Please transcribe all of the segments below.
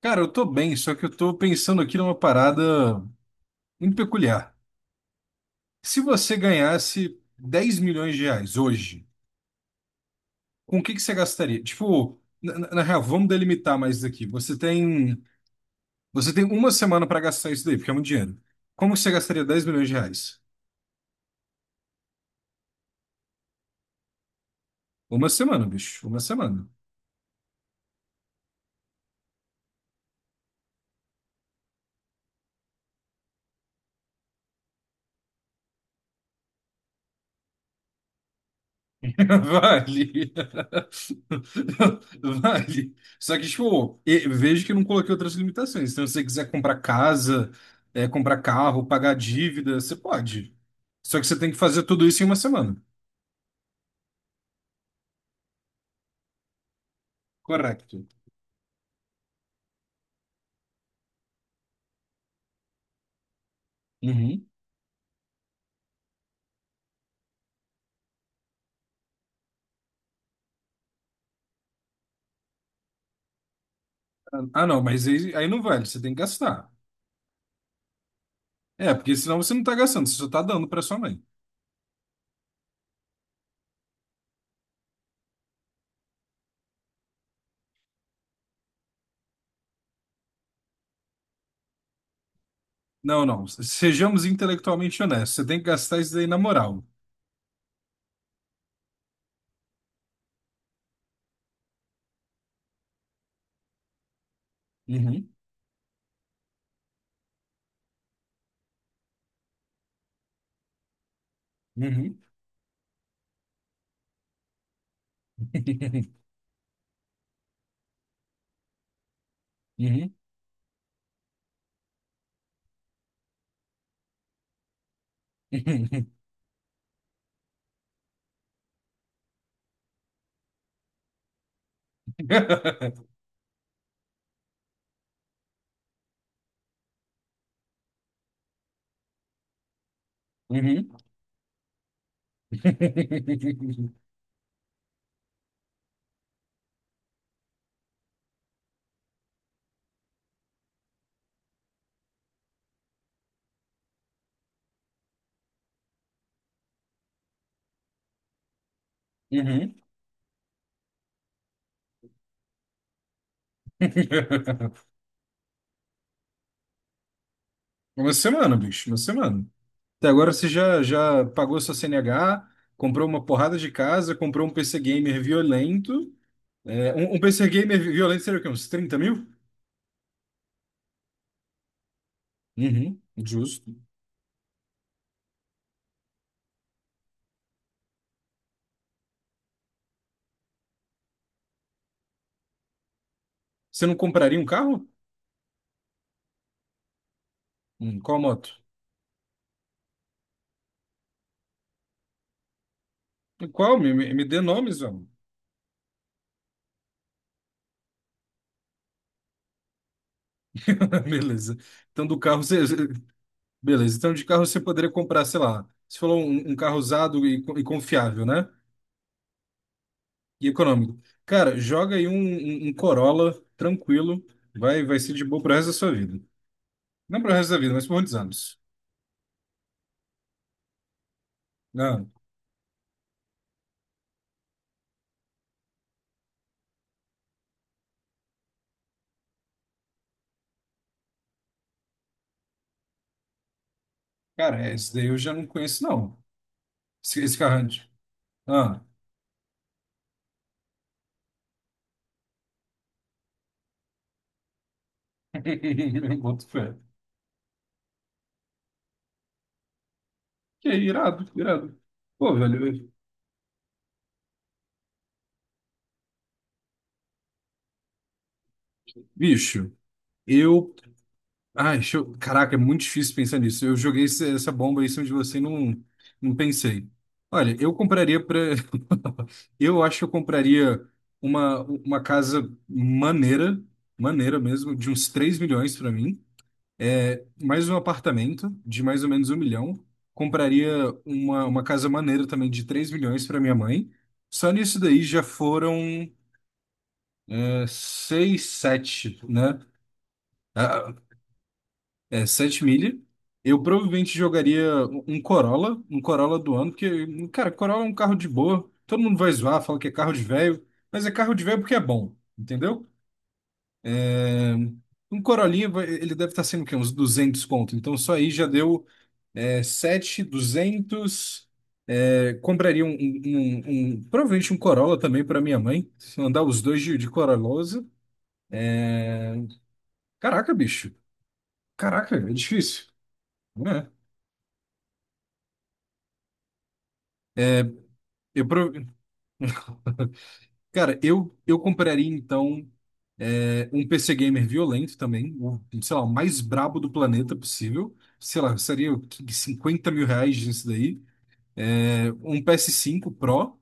Cara, eu tô bem, só que eu tô pensando aqui numa parada muito peculiar. Se você ganhasse 10 milhões de reais hoje, com o que que você gastaria? Tipo, na real, vamos delimitar mais isso daqui. Você tem uma semana pra gastar isso daí, porque é muito dinheiro. Como você gastaria 10 milhões de reais? Uma semana, bicho, uma semana. Vale. Vale. Só que, tipo, vejo que eu não coloquei outras limitações. Então, se você quiser comprar casa, é, comprar carro, pagar dívida, você pode. Só que você tem que fazer tudo isso em uma semana. Correto. Uhum. Ah, não, mas aí não vale, você tem que gastar. É, porque senão você não tá gastando, você só tá dando pra sua mãe. Não, não, sejamos intelectualmente honestos, você tem que gastar isso daí na moral. Uhum. Uhum. Uhum. Uhum. Uhum. Uhum. Uma semana, bicho, uma semana. Até agora você já pagou sua CNH, comprou uma porrada de casa, comprou um PC gamer violento. É, um PC gamer violento seria o quê? Uns 30 mil? Uhum, justo. Você não compraria um carro? Qual moto? Qual? Me dê nomes, vamos. Beleza. Então, do carro você. Beleza. Então, de carro você poderia comprar, sei lá. Você falou um carro usado e, e confiável, né? E econômico. Cara, joga aí um Corolla tranquilo, vai ser de boa pro resto da sua vida. Não pro resto da vida, mas por muitos anos. Não, cara, esse daí eu já não conheço, não. Esse carrão de- Ah, boto fé. Que é irado, irado. Pô, velho, eu- bicho, eu Ai, show. Caraca, é muito difícil pensar nisso. Eu joguei essa bomba aí em cima de você e não pensei. Olha, eu compraria para. Eu acho que eu compraria uma casa maneira, maneira mesmo, de uns 3 milhões para mim. É, mais um apartamento de mais ou menos um milhão. Compraria uma casa maneira também de 3 milhões para minha mãe. Só nisso daí já foram é, 6, 7, né? Ah, é, 7 milha. Eu provavelmente jogaria um Corolla, um Corolla do ano, porque, cara, Corolla é um carro de boa. Todo mundo vai zoar, fala que é carro de velho, mas é carro de velho porque é bom, entendeu? É, um Corolinha, ele deve estar sendo o quê? Uns 200 conto. Então, só aí já deu é, 7, 200. É, compraria provavelmente um Corolla também para minha mãe. Se andar os dois de Corollosa. Caraca, bicho. Caraca, é difícil. Né? Eu, Cara, eu compraria então é, um PC gamer violento também, o, sei lá, o mais brabo do planeta possível. Sei lá, seria 50 mil reais nisso daí. É, um ps cinco Pro,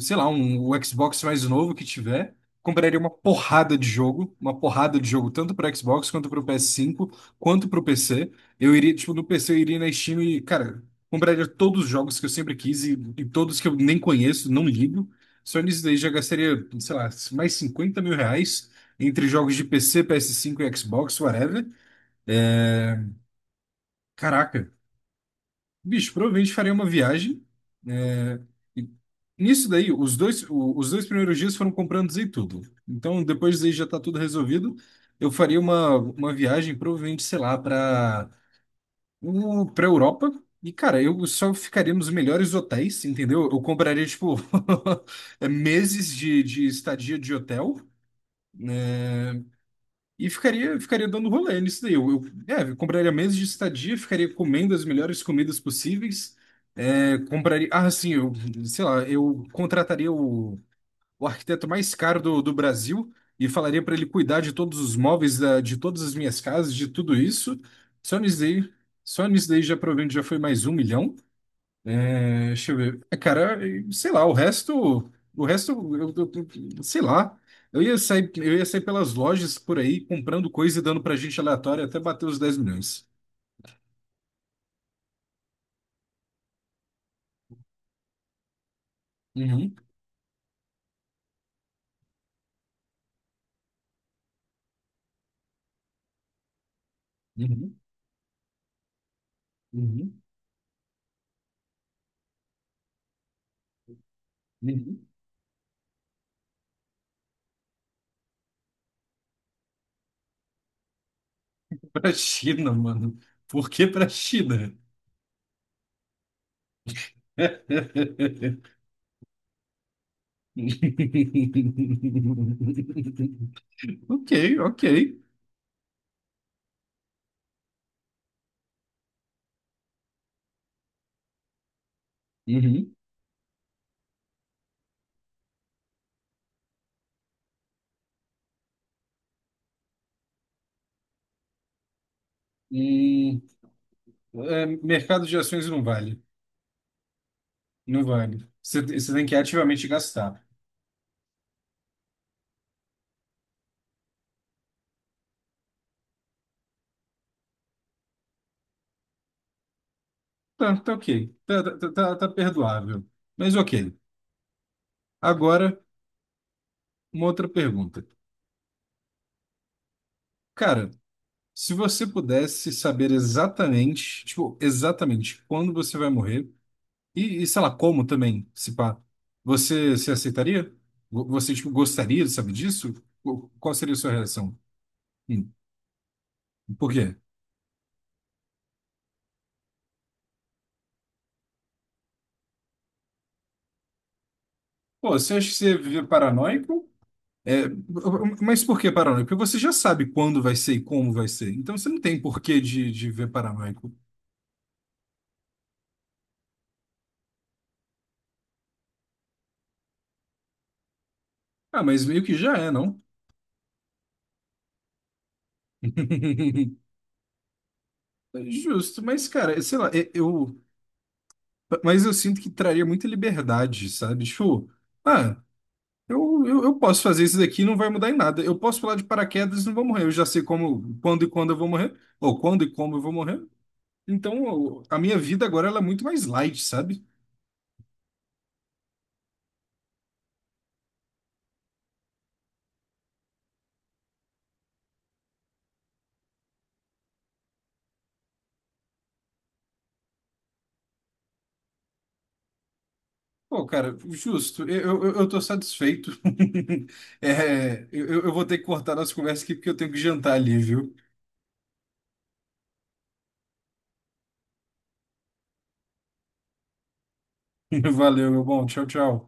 sei lá, um, o Xbox mais novo que tiver, compraria uma porrada de jogo, uma porrada de jogo, tanto para Xbox quanto para o PS5, quanto para o PC. Eu iria, tipo, no PC eu iria na Steam e, cara, compraria todos os jogos que eu sempre quis e todos que eu nem conheço, não ligo. Só nisso daí já gastaria, sei lá, mais 50 mil reais entre jogos de PC, PS5 e Xbox, whatever. É, caraca, bicho, provavelmente farei uma viagem. É, e nisso daí, os dois, os dois primeiros dias foram comprando e tudo. Então, depois daí já tá tudo resolvido. Eu faria uma viagem, provavelmente, sei lá, para Europa. E, cara, eu só ficaria nos melhores hotéis, entendeu? Eu compraria, tipo, meses de estadia de hotel. Né? E ficaria dando rolê nisso daí. É, eu compraria meses de estadia, ficaria comendo as melhores comidas possíveis. É, compraria. Ah, sim, eu, sei lá, eu contrataria o arquiteto mais caro do Brasil e falaria para ele cuidar de todos os móveis, de todas as minhas casas, de tudo isso. Só nisso daí, só nisso daí já provavelmente já foi mais um milhão. É, deixa eu ver. É, cara, sei lá, o resto, sei lá. Eu ia sair pelas lojas por aí comprando coisa e dando pra gente aleatória até bater os 10 milhões. Uhum, uhum, uhum, uhum. Pra China, mano. Por que pra China? Ok, ok. Uhum. Hum, é, mercado de ações não vale. Não vale. Você tem que ativamente gastar. Tá, tá ok. Tá perdoável. Mas ok. Agora, uma outra pergunta. Cara, se você pudesse saber exatamente, tipo, exatamente quando você vai morrer, e sei lá, como também, se pá, você se aceitaria? Você, tipo, gostaria, sabe disso? Qual seria a sua reação? Hum, Por quê? Pô, você acha que você vive paranoico? É, mas por que paranoico? Porque você já sabe quando vai ser e como vai ser. Então você não tem porquê de viver paranoico. Ah, mas meio que já é, não? Justo, mas cara, sei lá, eu. Mas eu sinto que traria muita liberdade, sabe? Tipo, ah, eu posso fazer isso daqui, não vai mudar em nada. Eu posso pular de paraquedas, não vou morrer. Eu já sei como, quando e quando eu vou morrer, ou quando e como eu vou morrer. Então, a minha vida agora ela é muito mais light, sabe? Pô, cara, justo, eu tô satisfeito. É, eu vou ter que cortar nossa conversa aqui porque eu tenho que jantar ali, viu? Valeu, meu bom. Tchau, tchau.